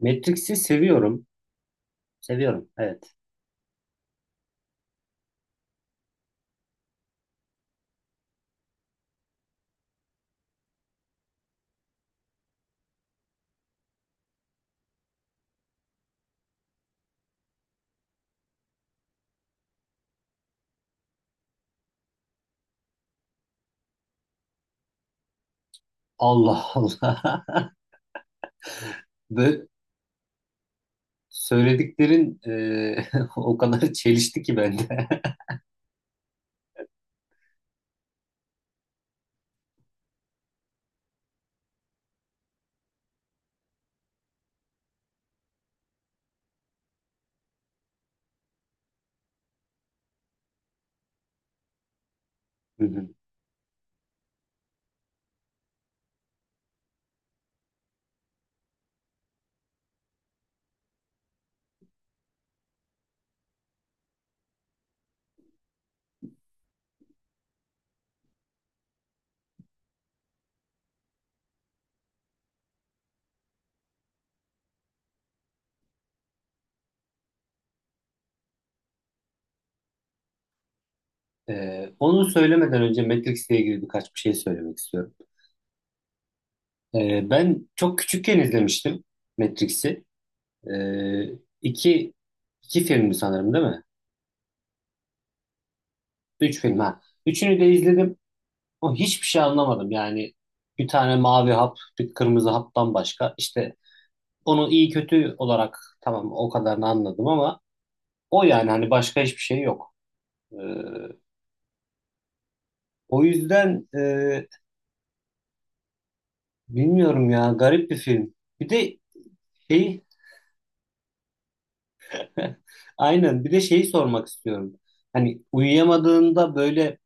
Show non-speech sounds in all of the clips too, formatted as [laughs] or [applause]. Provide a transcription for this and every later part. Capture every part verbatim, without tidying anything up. Matrix'i seviyorum. Seviyorum. Evet. Allah Allah. [laughs] Böyle söylediklerin e, [laughs] o kadar çelişti ki bende. [laughs] Hı hı. E, onu söylemeden önce Matrix'le ilgili birkaç bir şey söylemek istiyorum. E, ben çok küçükken izlemiştim Matrix'i. E, iki, iki filmdi sanırım, değil mi? Üç film ha. Üçünü de izledim. O hiçbir şey anlamadım. Yani bir tane mavi hap, bir kırmızı haptan başka. İşte onu iyi kötü olarak, tamam, o kadarını anladım, ama o yani hani başka hiçbir şey yok. Ee, O yüzden e, bilmiyorum ya, garip bir film. Bir de şey [laughs] aynen, bir de şeyi sormak istiyorum. Hani uyuyamadığında böyle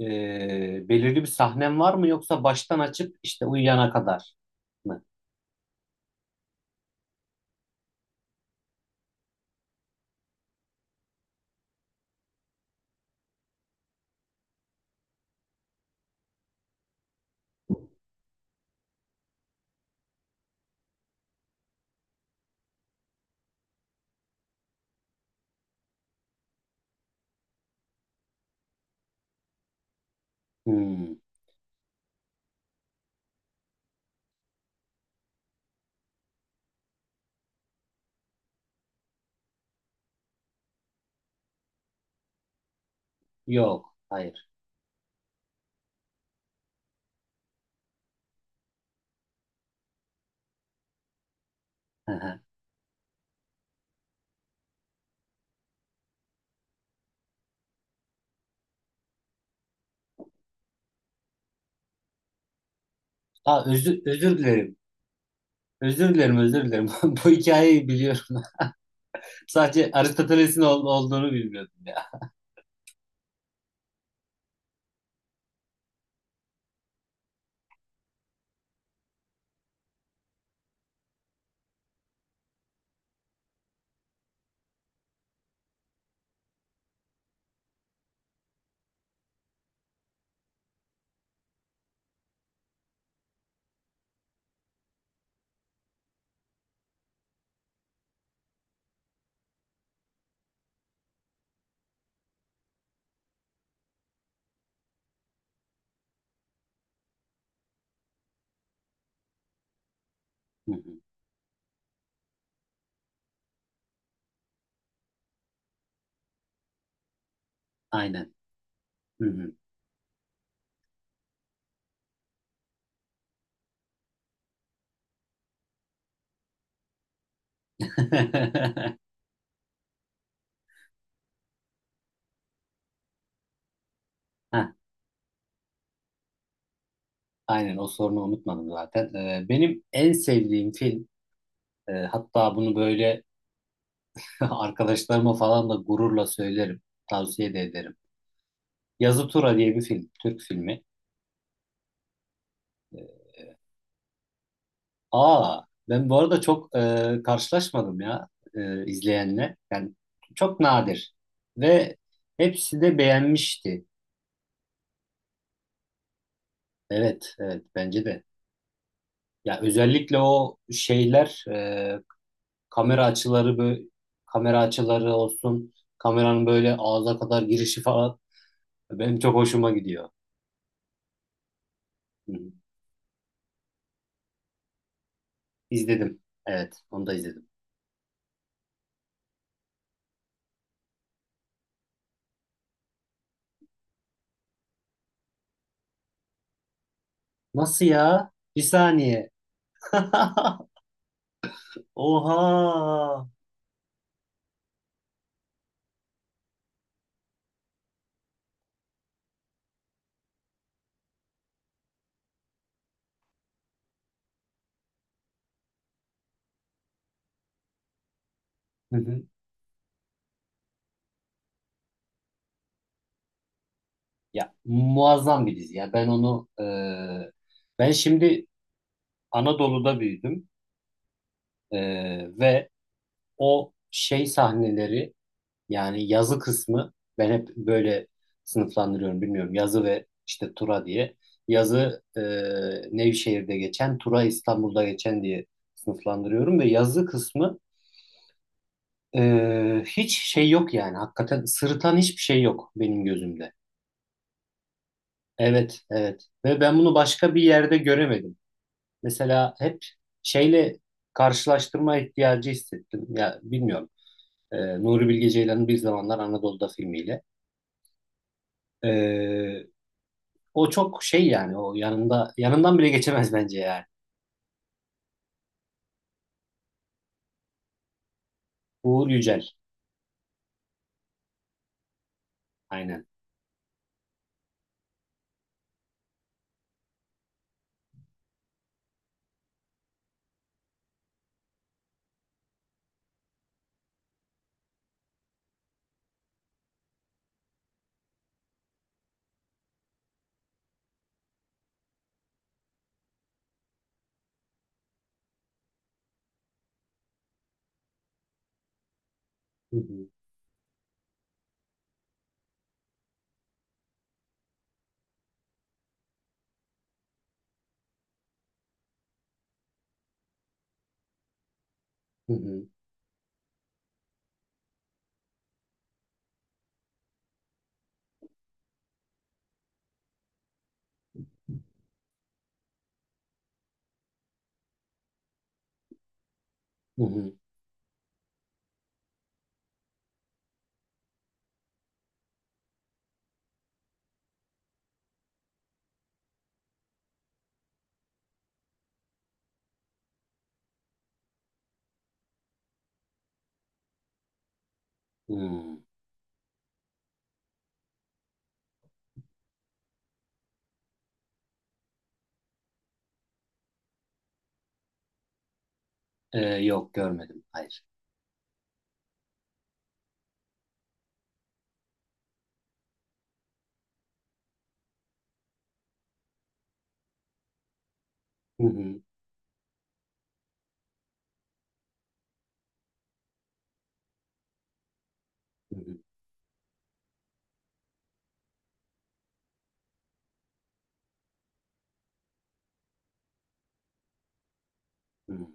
e, belirli bir sahnen var mı, yoksa baştan açıp işte uyuyana kadar mı? Hmm, yok, hayır. Hı hı. Aa, özür, özür dilerim. Özür dilerim özür dilerim. [laughs] Bu hikayeyi biliyorum. Sadece Aristoteles'in ol- olduğunu bilmiyordum ya. Hı hı. Aynen. Hı hı. [laughs] Heh, aynen, o sorunu unutmadım zaten. Ee, benim en sevdiğim film, e, hatta bunu böyle [laughs] arkadaşlarıma falan da gururla söylerim. Tavsiye de ederim. Yazı Tura diye bir film. Türk filmi. Ee, Aa, ben bu arada çok e, karşılaşmadım ya e, izleyenle. Yani çok nadir. Ve hepsi de beğenmişti. Evet, evet, bence de. Ya özellikle o şeyler, e, kamera açıları, böyle kamera açıları olsun kameranın böyle ağza kadar girişi falan benim çok hoşuma gidiyor. Hı hı. İzledim. Evet, onu da izledim. Nasıl ya? Bir saniye. [laughs] Oha. Hı hı. Ya muazzam bir dizi. Ya ben onu e, ben şimdi Anadolu'da büyüdüm. E, ve o şey sahneleri, yani yazı kısmı, ben hep böyle sınıflandırıyorum, bilmiyorum. Yazı ve işte Tura diye. Yazı, e, Nevşehir'de geçen; Tura, İstanbul'da geçen diye sınıflandırıyorum, ve yazı kısmı, e, hiç şey yok yani. Hakikaten sırıtan hiçbir şey yok benim gözümde. Evet, evet. Ve ben bunu başka bir yerde göremedim. Mesela hep şeyle karşılaştırma ihtiyacı hissettim. Ya bilmiyorum. E, Nuri Bilge Ceylan'ın Bir Zamanlar Anadolu'da filmiyle. Ee, O çok şey, yani o yanında, yanından bile geçemez bence yani. Uğur Yücel. Aynen. Hı hı. Hı hı. Hı hı. Hı. Ee, yok, görmedim. Hayır. Hı hı. Hı hı. Hı hı.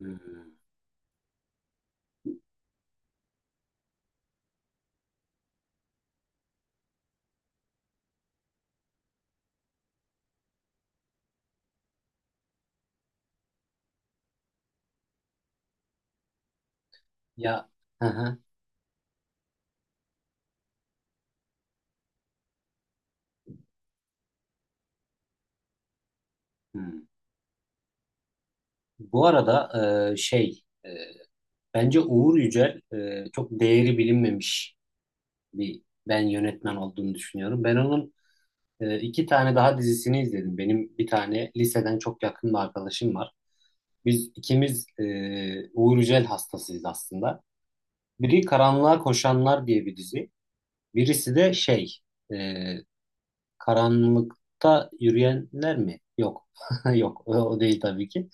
Hı. Hı. Ya, hı hı. Hı. Bu arada, e, şey e, bence Uğur Yücel, e, çok değeri bilinmemiş bir, ben yönetmen olduğunu düşünüyorum. Ben onun Ee, iki tane daha dizisini izledim. Benim bir tane liseden çok yakın bir arkadaşım var. Biz ikimiz, e, Uğur Yücel hastasıyız aslında. Biri Karanlığa Koşanlar diye bir dizi. Birisi de şey, e, Karanlıkta Yürüyenler mi? Yok. [laughs] Yok, o, o değil tabii ki.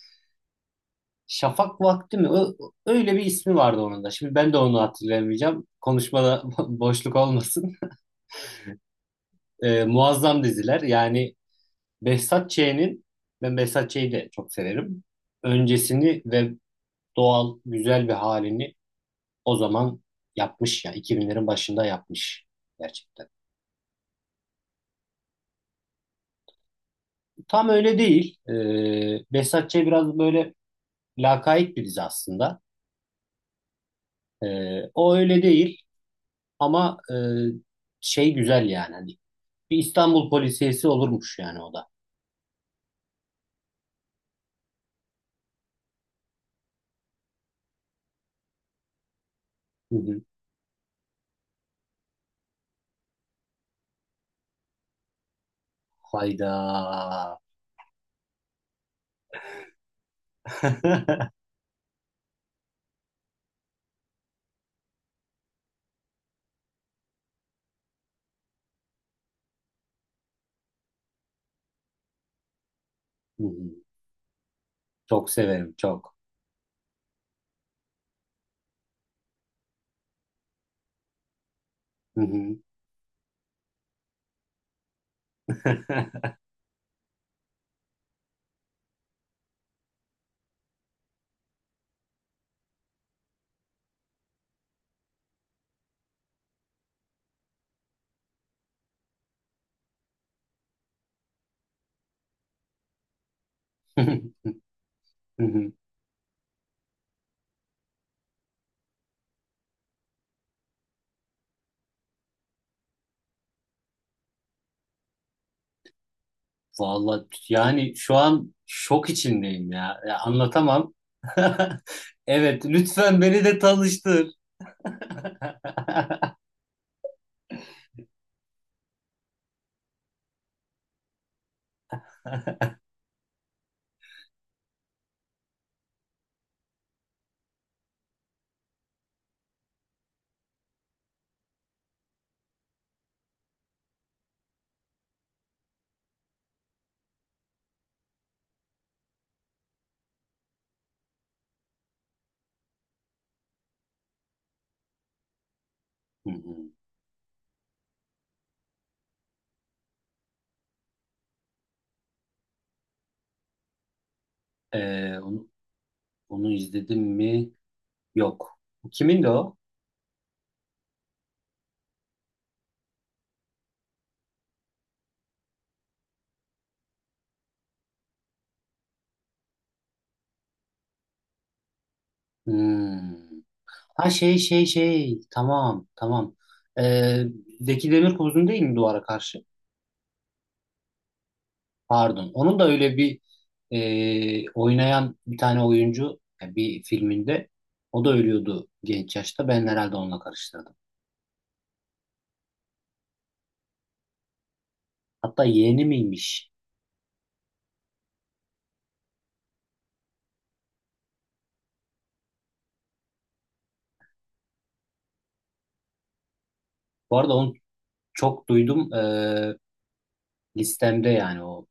Şafak Vakti mi? Ö- öyle bir ismi vardı onun da. Şimdi ben de onu hatırlayamayacağım. Konuşmada [laughs] boşluk olmasın. E, muazzam diziler. Yani Behzat Ç'nin, ben Behzat Ç'yi de çok severim. Öncesini ve doğal, güzel bir halini o zaman yapmış ya. iki binlerin başında yapmış gerçekten. Tam öyle değil. Ee, Behzat Ç biraz böyle lakayt bir dizi aslında. Ee, o öyle değil ama, e, şey güzel yani. Hani bir İstanbul polisiyesi olurmuş yani o da. Hı hı. Hayda. [laughs] Hı hı. Çok severim, çok. Hı hı. [laughs] Vallahi yani şu an şok içindeyim ya. Ya anlatamam. [laughs] Evet, lütfen beni de tanıştır. Hı hı. Ee, onu, onu izledim mi? Yok. Kimin de o? Hmm. Ha, şey şey şey. Tamam, tamam. Ee, Zeki Demirkubuz'un değil mi Duvara Karşı? Pardon. Onun da öyle bir, e, oynayan bir tane oyuncu, yani bir filminde o da ölüyordu genç yaşta. Ben herhalde onunla karıştırdım. Hatta yeğeni miymiş? Bu arada onu çok duydum, eee, listemde yani o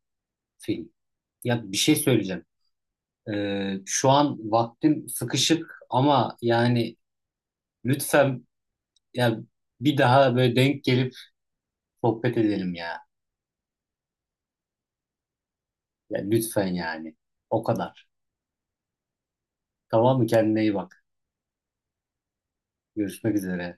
film. Ya bir şey söyleyeceğim. Eee, şu an vaktim sıkışık ama yani lütfen, ya, bir daha böyle denk gelip sohbet edelim ya. Ya lütfen yani. O kadar. Tamam mı? Kendine iyi bak. Görüşmek üzere.